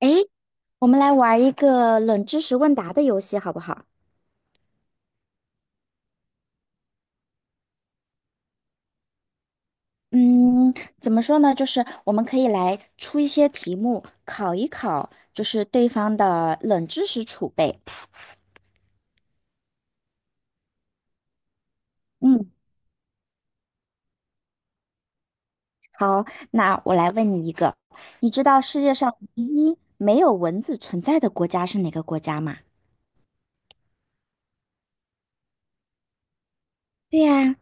诶，我们来玩一个冷知识问答的游戏，好不好？嗯，怎么说呢？就是我们可以来出一些题目，考一考，就是对方的冷知识储备。嗯，好，那我来问你一个，你知道世界上唯一没有蚊子存在的国家是哪个国家吗？对呀，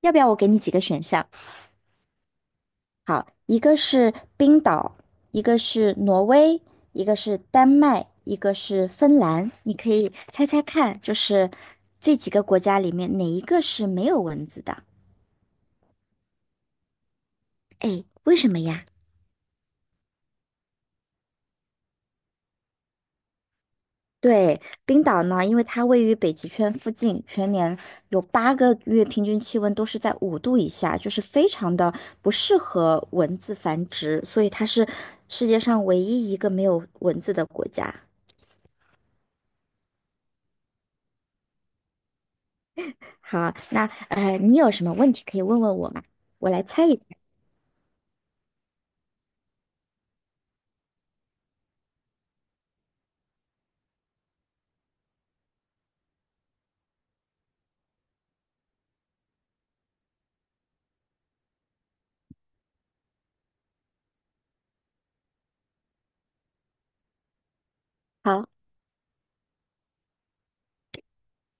要不要我给你几个选项？好，一个是冰岛，一个是挪威，一个是丹麦，一个是芬兰。你可以猜猜看，就是这几个国家里面哪一个是没有蚊子的？哎，为什么呀？对，冰岛呢，因为它位于北极圈附近，全年有8个月平均气温都是在5度以下，就是非常的不适合蚊子繁殖，所以它是世界上唯一一个没有蚊子的国家。好，那你有什么问题可以问问我吗？我来猜一猜。好，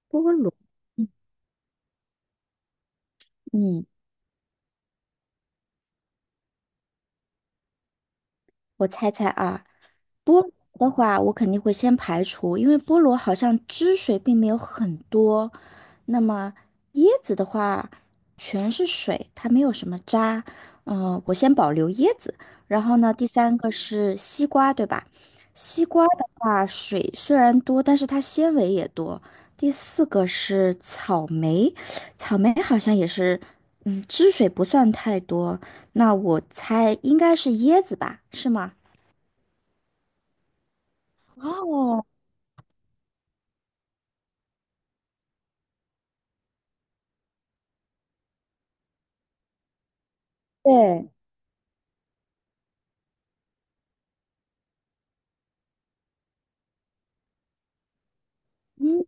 菠萝，嗯，我猜猜啊，菠萝的话，我肯定会先排除，因为菠萝好像汁水并没有很多。那么椰子的话，全是水，它没有什么渣。嗯、我先保留椰子。然后呢，第三个是西瓜，对吧？西瓜的话，水虽然多，但是它纤维也多。第四个是草莓，草莓好像也是，嗯，汁水不算太多。那我猜应该是椰子吧，是吗？哦，对，嗯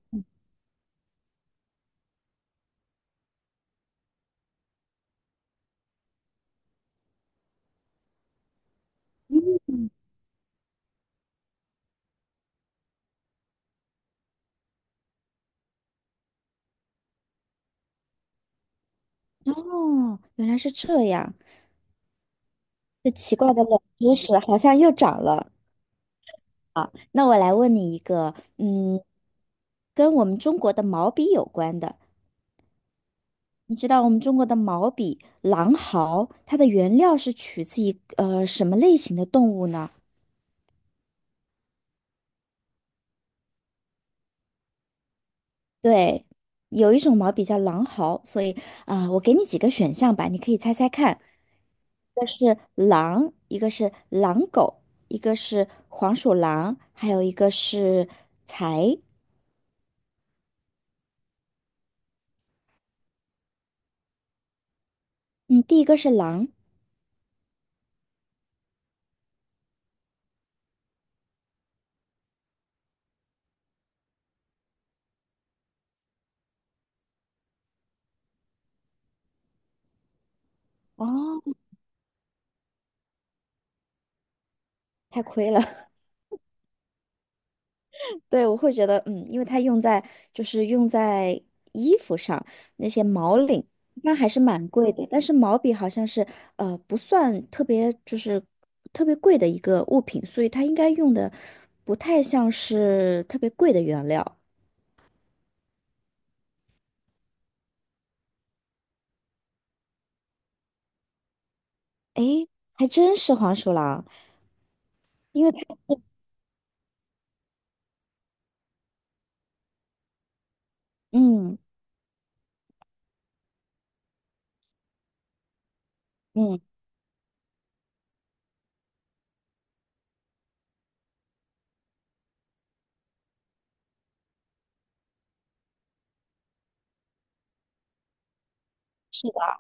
嗯，哦，原来是这样，这奇怪的冷知识好像又长了。那我来问你一个，嗯，跟我们中国的毛笔有关的。你知道我们中国的毛笔狼毫，它的原料是取自于什么类型的动物呢？对，有一种毛笔叫狼毫，所以我给你几个选项吧，你可以猜猜看。一个是狼，一个是狼狗，一个是黄鼠狼，还有一个是财。嗯，第一个是狼，哦，太亏了。对，我会觉得，嗯，因为它用在就是用在衣服上，那些毛领那还是蛮贵的，但是毛笔好像是不算特别特别贵的一个物品，所以它应该用的不太像是特别贵的原料。诶，还真是黄鼠狼，因为它嗯。嗯，是的，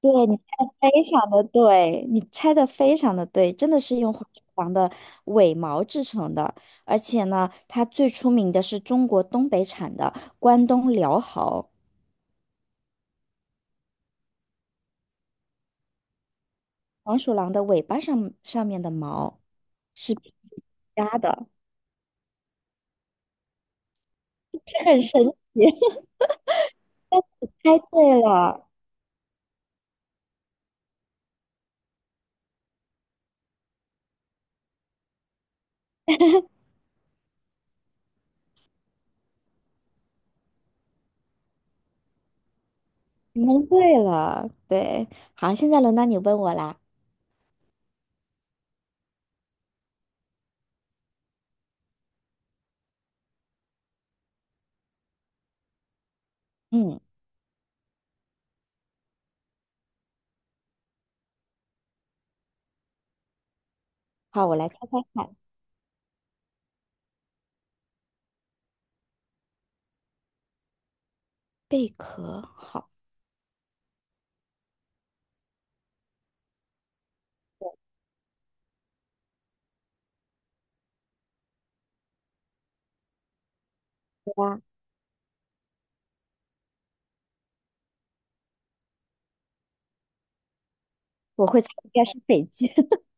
对，你猜的非常的对，真的是用黄鼠狼的尾毛制成的，而且呢，它最出名的是中国东北产的关东辽豪黄鼠狼的尾巴上面的毛是皮夹的，很神奇。猜对了，你蒙对了，对，好，现在轮到你问我啦，嗯，好，我来猜猜看，贝壳，好，对吧？我会猜应该是北极，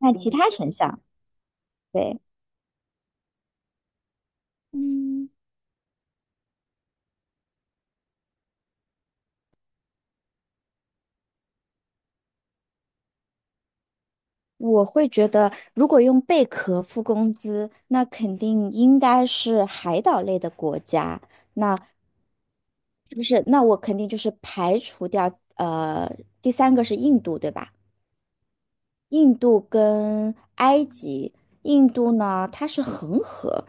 看其他选项，对。嗯，我会觉得，如果用贝壳付工资，那肯定应该是海岛类的国家。那是不是，那我肯定就是排除掉，呃，第三个是印度，对吧？印度跟埃及，印度呢它是恒河，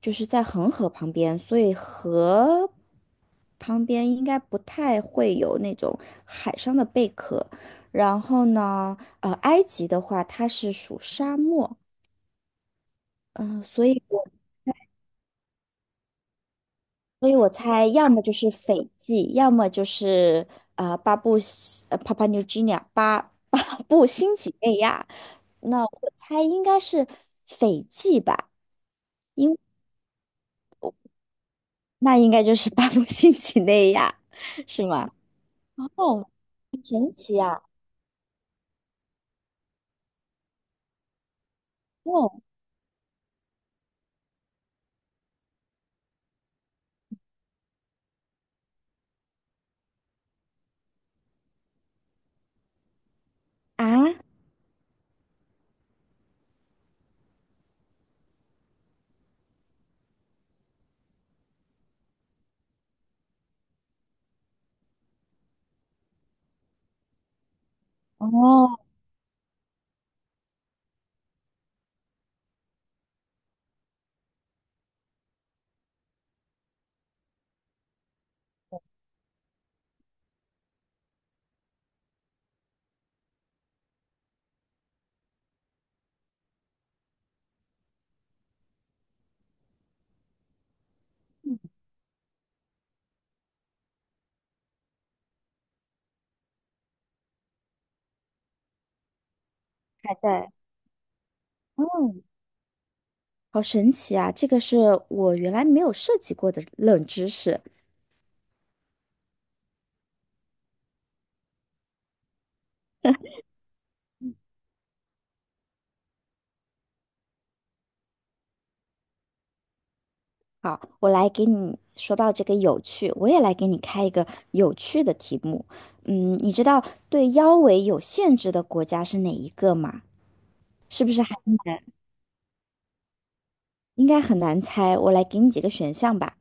就是在恒河旁边，所以河旁边应该不太会有那种海上的贝壳。然后呢，埃及的话它是属沙漠，嗯、所以我猜要么就是斐济，要么就是呃巴布西呃帕帕 p u a 巴 巴布新几内亚。那我猜应该是斐济吧。那应该就是巴布新几内亚，是吗？哦哦啊，哦，还在，嗯好神奇啊！这个是我原来没有涉及过的冷知识。好，我来给你说到这个有趣，我也来给你开一个有趣的题目。嗯，你知道对腰围有限制的国家是哪一个吗？是不是很难？应该很难猜。我来给你几个选项吧。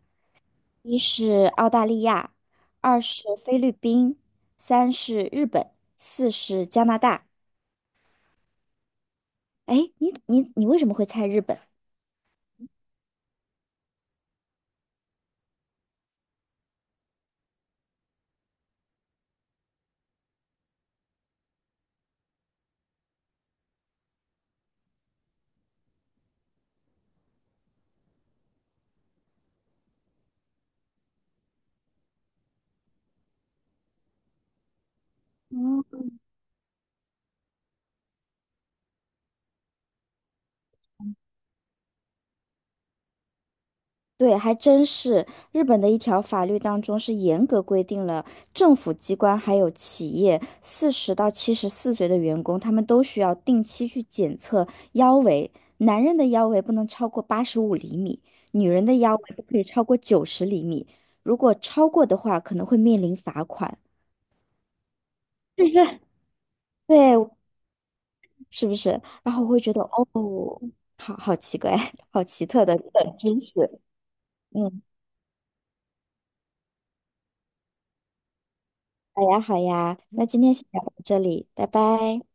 一是澳大利亚，二是菲律宾，三是日本，四是加拿大。哎，你为什么会猜日本？嗯，对，还真是。日本的一条法律当中是严格规定了政府机关还有企业40到74岁的员工，他们都需要定期去检测腰围。男人的腰围不能超过85厘米，女人的腰围不可以超过90厘米。如果超过的话，可能会面临罚款。对，是不是？然后我会觉得，哦，好好奇怪，好奇特的冷知识。嗯，好呀，好呀，那今天先聊到这里，拜拜。